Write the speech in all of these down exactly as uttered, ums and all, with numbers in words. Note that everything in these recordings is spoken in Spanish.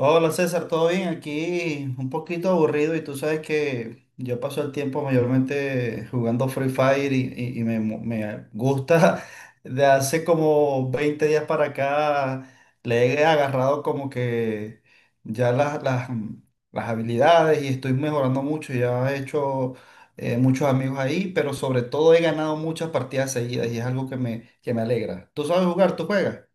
Hola César, ¿todo bien? Aquí un poquito aburrido y tú sabes que yo paso el tiempo mayormente jugando Free Fire y, y- y me, mu- me gusta de hace como veinte días para acá le he agarrado como que ya las, las, las habilidades y estoy mejorando mucho, ya he hecho eh, muchos amigos ahí, pero sobre todo he ganado muchas partidas seguidas y es algo que me, que me alegra. ¿Tú sabes jugar? ¿Tú juegas?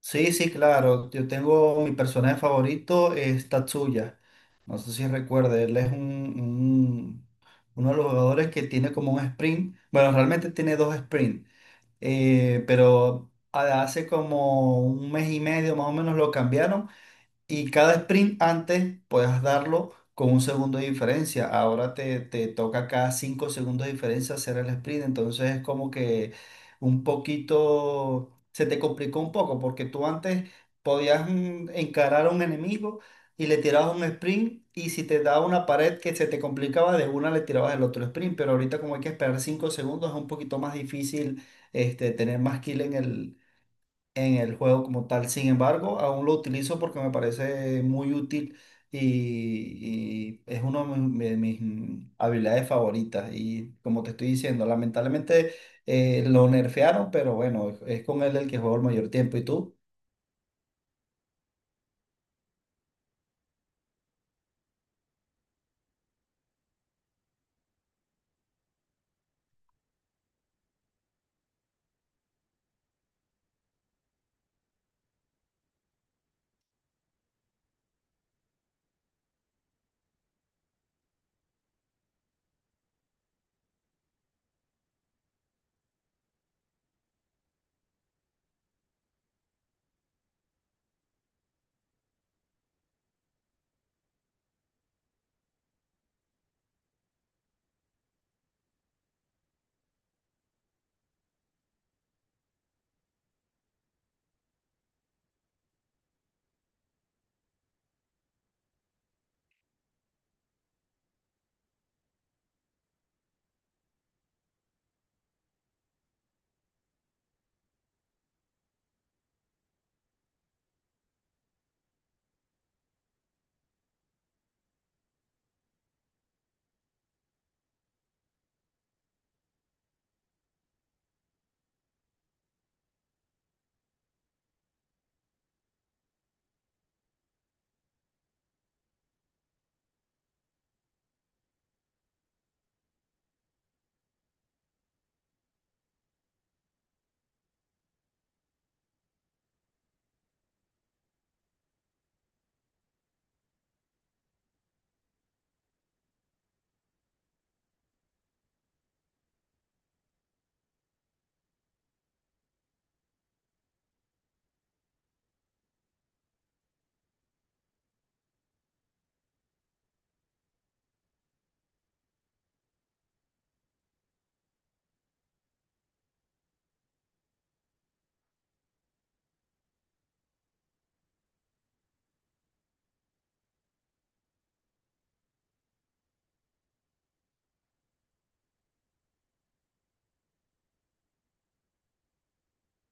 Sí, sí, claro. Yo tengo mi personaje favorito, es Tatsuya. No sé si recuerda, él es un, un- uno de los jugadores que tiene como un sprint. Bueno, realmente tiene dos sprints, eh, pero a- hace como un mes y medio más o menos lo cambiaron y cada sprint antes puedas darlo con un segundo de diferencia. Ahora te, te toca cada cinco segundos de diferencia hacer el sprint. Entonces es como que un poquito, se te complicó un poco porque tú antes podías mm, encarar a un enemigo y le tirabas un sprint y si te daba una pared que se te complicaba, de una le tirabas el otro sprint. Pero ahorita como hay que esperar cinco segundos es un poquito más difícil este, tener más kill en el, en el juego como tal. Sin embargo, aún lo utilizo porque me parece muy útil y, y es una de mis, de mis habilidades favoritas. Y como te estoy diciendo, lamentablemente eh, lo nerfearon, pero bueno, es con él el que juego el mayor tiempo. ¿Y tú?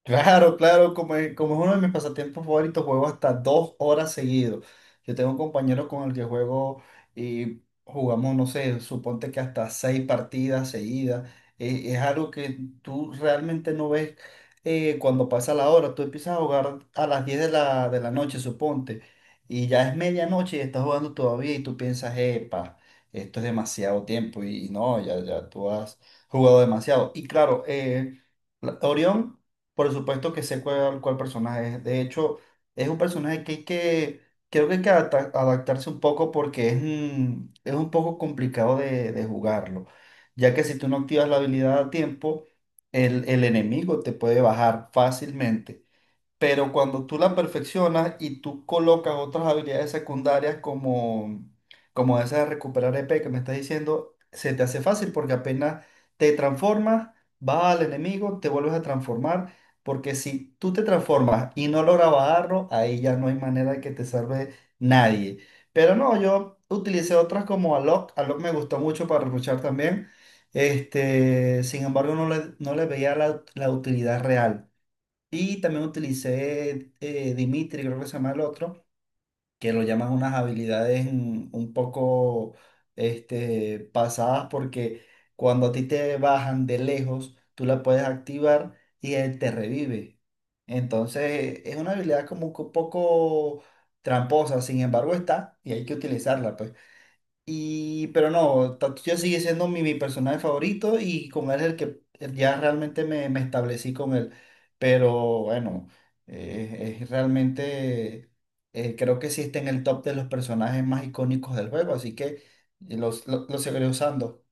Claro, claro, como es, como es uno de mis pasatiempos favoritos, juego hasta dos horas seguido. Yo tengo un compañero con el que juego y jugamos, no sé, suponte que hasta seis partidas seguidas. Eh, es algo que tú realmente no ves eh, cuando pasa la hora. Tú empiezas a jugar a las diez de la, de la noche, suponte, y ya es medianoche y estás jugando todavía y tú piensas, epa, esto es demasiado tiempo y, y no, ya, ya tú has jugado demasiado. Y claro, eh, la- Orión. Por supuesto que sé cuál, cuál personaje es. De hecho, es un personaje que hay que, creo que hay que adapta- adaptarse un poco porque es, un- es un poco complicado de, de jugarlo, ya que si tú no activas la habilidad a tiempo, el, el enemigo te puede bajar fácilmente pero cuando tú la perfeccionas y tú colocas otras habilidades secundarias como, como esa de recuperar E P que me estás diciendo, se te hace fácil porque apenas te transformas, vas al enemigo, te vuelves a transformar, porque si tú te transformas y no logras bajarlo, ahí ya no hay manera de que te salve nadie. Pero no, yo utilicé otras como Alok, Alok me gustó mucho para luchar también. Este, sin embargo, no le, no le veía la la utilidad real. Y también utilicé eh, Dimitri, creo que se llama el otro, que lo llaman unas habilidades mm, un poco este, pasadas porque cuando a ti te bajan de lejos, tú la puedes activar y él te revive. Entonces es una habilidad como que un poco tramposa, sin embargo está y hay que utilizarla, pues. Y, pero no, Tatsuya sigue siendo mi, mi personaje favorito y con él es el que ya realmente me, me establecí con él. Pero bueno, eh, es realmente, eh, creo que sí está en el top de los personajes más icónicos del juego, así que los, lo- lo seguiré usando.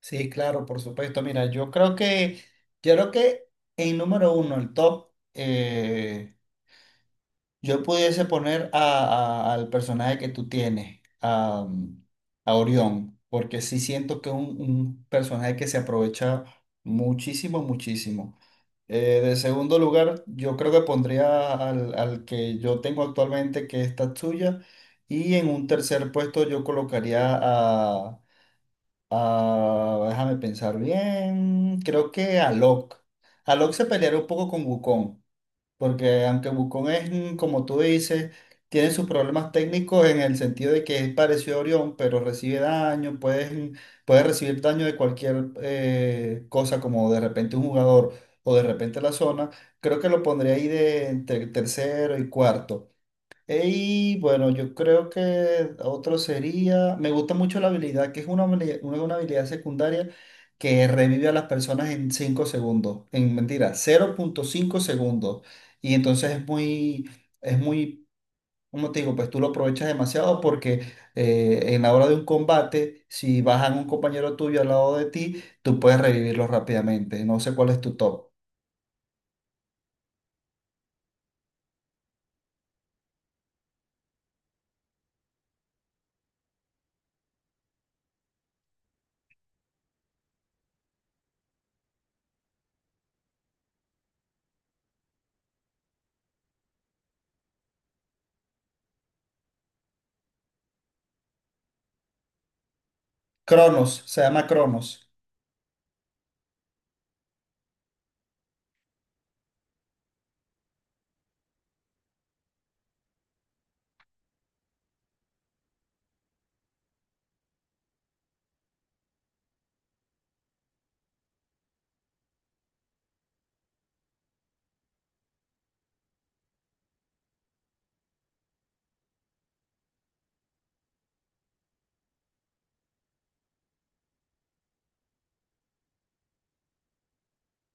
Sí, claro, por supuesto. Mira, yo creo que, yo creo que en número uno, el top, eh, Yo pudiese poner a- a- al personaje que tú tienes, a, mm, a Orión, porque sí siento que es un, un personaje que se aprovecha muchísimo, muchísimo. Eh, de segundo lugar, yo creo que pondría al, al que yo tengo actualmente, que es Tatsuya. Y en un tercer puesto yo colocaría a, a- déjame pensar bien, creo que a Locke. A Locke se pelearía un poco con Wukong. Porque aunque Bucón es, mm, como tú dices, tiene sus problemas técnicos en el sentido de que es parecido a Orión, pero recibe daño, puedes, mm, puede recibir daño de cualquier eh, cosa, como de repente un jugador o de repente la zona, creo que lo pondría ahí de entre tercero y cuarto. Y bueno, yo creo que otro sería, me gusta mucho la habilidad, que es una, habili- una, una habilidad secundaria que revive a las personas en cinco segundos, en mentira, cero punto cinco segundos. Y entonces es muy, es muy, como te digo, pues tú lo aprovechas demasiado porque eh, en la hora de un combate, si bajan un compañero tuyo al lado de ti, tú puedes revivirlo rápidamente. No sé cuál es tu top. Cronos, se llama Cronos.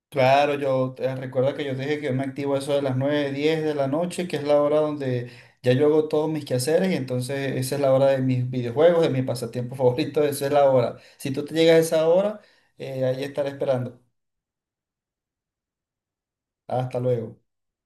Claro, yo te- recuerda que yo te dije que yo me activo a eso de las nueve diez de la noche, que es la hora donde ya yo hago todos mis quehaceres y entonces esa es la hora de mis videojuegos, de mi pasatiempo favorito, esa es la hora. Si tú te llegas a esa hora, eh, ahí estaré esperando. Hasta luego.